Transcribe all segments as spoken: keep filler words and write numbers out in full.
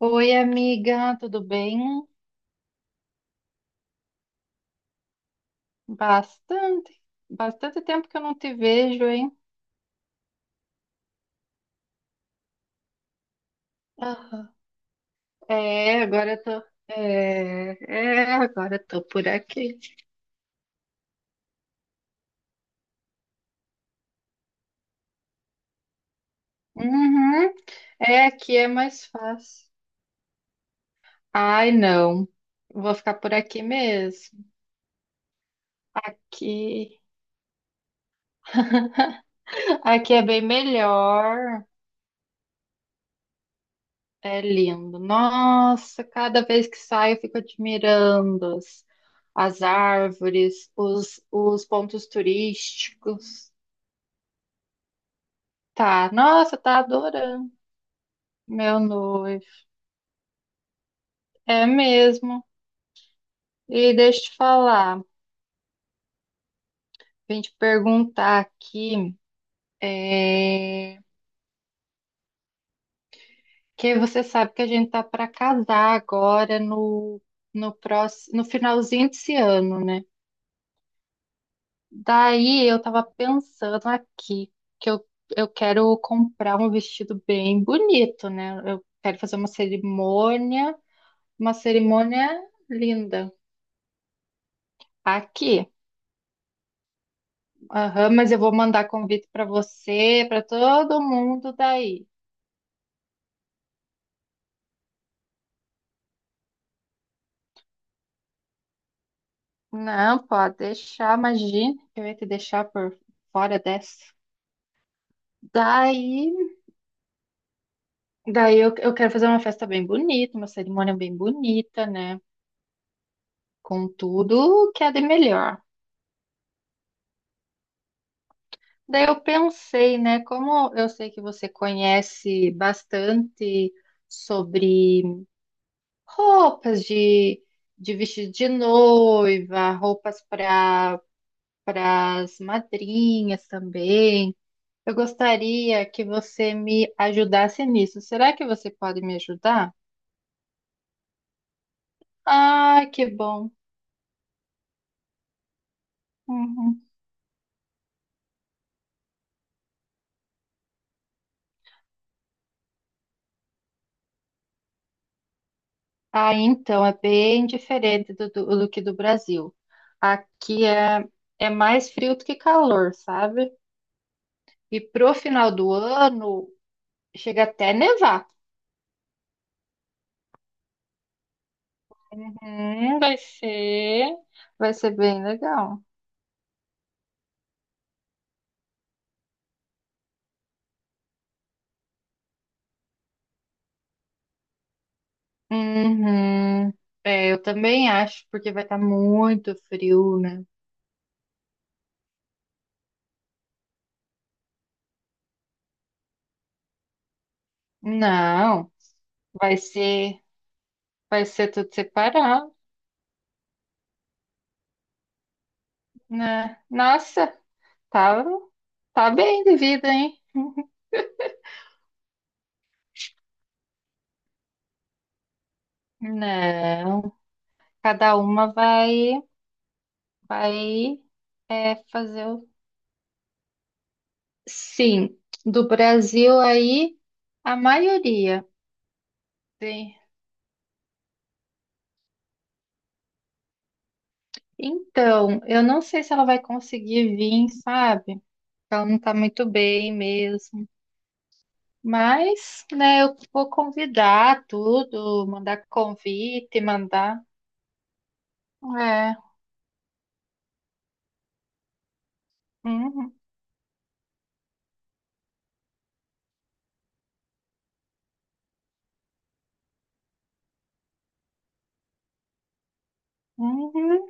Oi, amiga, tudo bem? Bastante, bastante tempo que eu não te vejo, hein? Aham. É, agora eu tô, é, é, agora eu tô por aqui. Uhum. É, aqui é mais fácil. Ai, não, vou ficar por aqui mesmo. Aqui, aqui é bem melhor. É lindo. Nossa, cada vez que saio eu fico admirando as árvores, os, os pontos turísticos. Tá, nossa, tá adorando, meu noivo. É mesmo. E deixa eu te falar, vim te perguntar aqui, é, que você sabe que a gente tá para casar agora no, no próximo, no finalzinho desse ano, né? Daí eu tava pensando aqui que eu, eu quero comprar um vestido bem bonito, né? Eu quero fazer uma cerimônia. Uma cerimônia linda. Aqui. Aham, mas eu vou mandar convite para você, para todo mundo daí. Não, pode deixar, imagina que eu ia te deixar por fora dessa. Daí, daí eu, eu quero fazer uma festa bem bonita, uma cerimônia bem bonita, né? Com tudo que é de melhor. Daí eu pensei, né? Como eu sei que você conhece bastante sobre roupas de, de vestido de noiva, roupas para para as madrinhas também. Eu gostaria que você me ajudasse nisso. Será que você pode me ajudar? Ah, que bom. Uhum. Ah, então é bem diferente do, do, do que do Brasil. Aqui é, é mais frio do que calor, sabe? E pro final do ano chega até a nevar. Uhum, vai ser, vai ser bem legal. Uhum. É, eu também acho, porque vai estar muito frio, né? Não, vai ser, vai ser tudo separado, né? Nossa, tá, tá bem de vida, hein? Não, cada uma vai, vai é, fazer o. Sim, do Brasil aí, a maioria. Tem Então, eu não sei se ela vai conseguir vir, sabe? Ela não tá muito bem mesmo. Mas, né, eu vou convidar tudo, mandar convite, mandar. É. Uhum, uhum.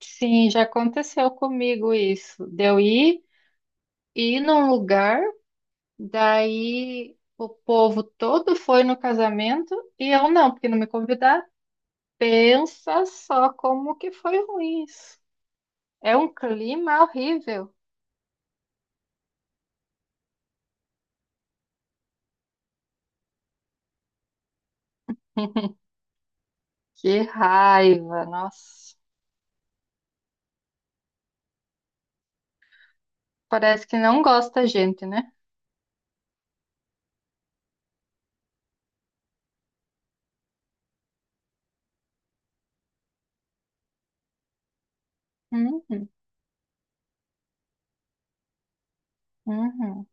Sim, já aconteceu comigo isso. De eu ir, ir num lugar, daí o povo todo foi no casamento e eu não, porque não me convidaram. Pensa só como que foi ruim isso. É um clima horrível. Que raiva, nossa. Parece que não gosta da gente, né? Uhum, uhum.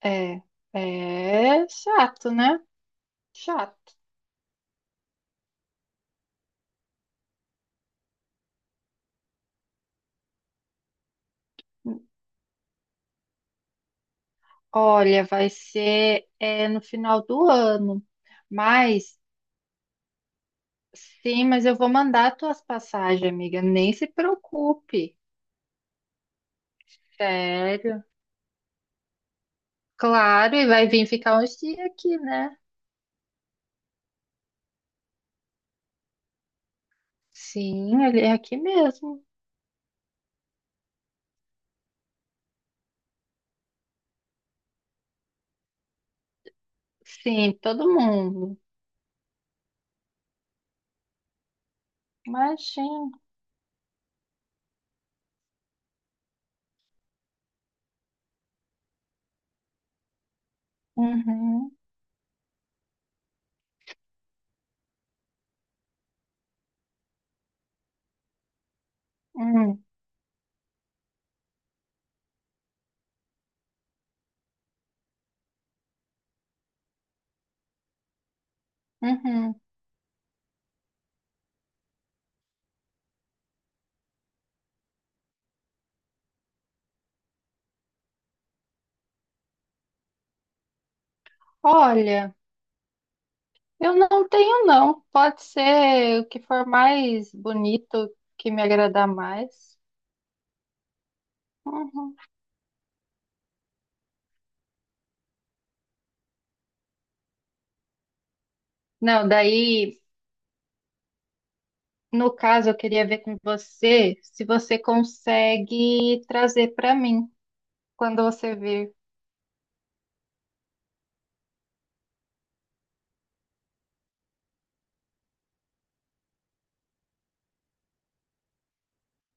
É, é chato, né? Chato. Olha, vai ser é, no final do ano. Mas, sim, mas eu vou mandar tuas passagens, amiga. Nem se preocupe. Sério. Claro, e vai vir ficar uns dias aqui, né? Sim, ele é aqui mesmo. Sim, todo mundo. Imagina. Uhum, uhum. Uhum. Olha, eu não tenho não. Pode ser o que for mais bonito que me agradar mais. Uhum. Não, daí, no caso, eu queria ver com você se você consegue trazer para mim quando você vir.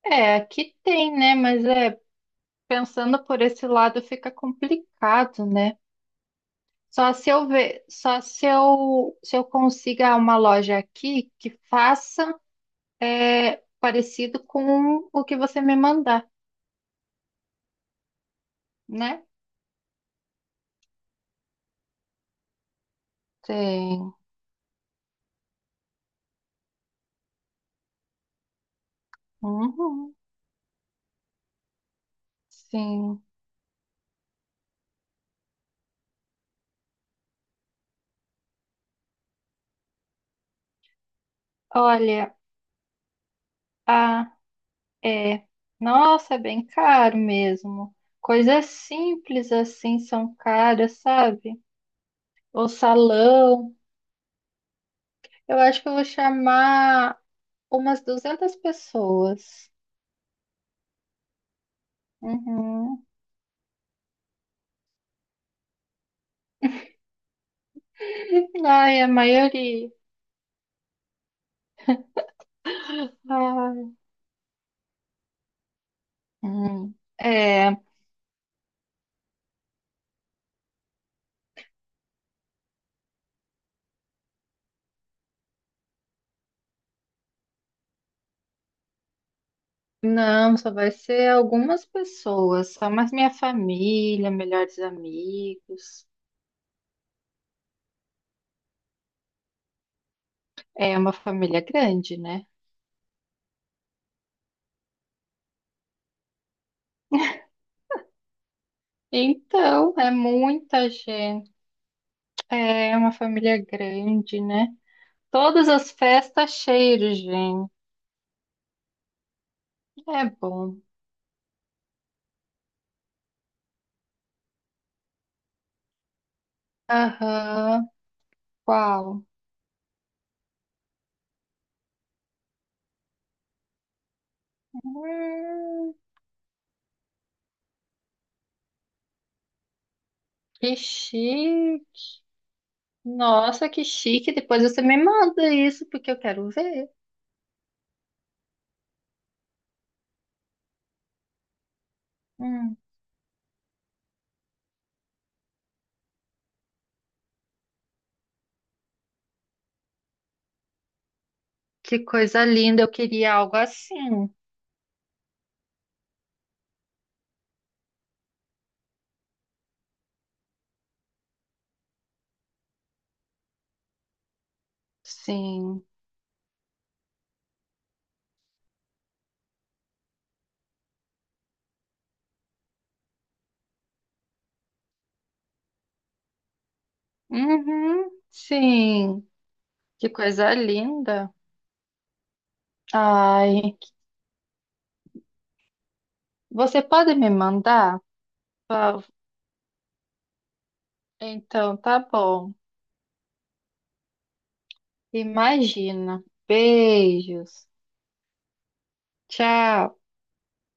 É, aqui tem, né? Mas é pensando por esse lado fica complicado, né? Só se eu ver, só se eu, se eu consiga uma loja aqui que faça é parecido com o que você me mandar, né? Tem. Uhum, sim. Olha, ah, é. Nossa, é bem caro mesmo. Coisas simples assim são caras, sabe? O salão. Eu acho que eu vou chamar umas duzentas pessoas. Uhum. Ai, a maioria. Ai. Hum. É. Não, só vai ser algumas pessoas, só mais minha família, melhores amigos. É uma família grande, né? Então, é muita gente. É uma família grande, né? Todas as festas cheias de gente. É bom. Aham. Qual? Hum, que chique. Nossa, que chique. Depois você me manda isso, porque eu quero ver. Hum, que coisa linda. Eu queria algo assim. Sim. Uhum, sim, que coisa linda. Ai, você pode me mandar? Pau? Então, tá bom. Imagina. Beijos. Tchau.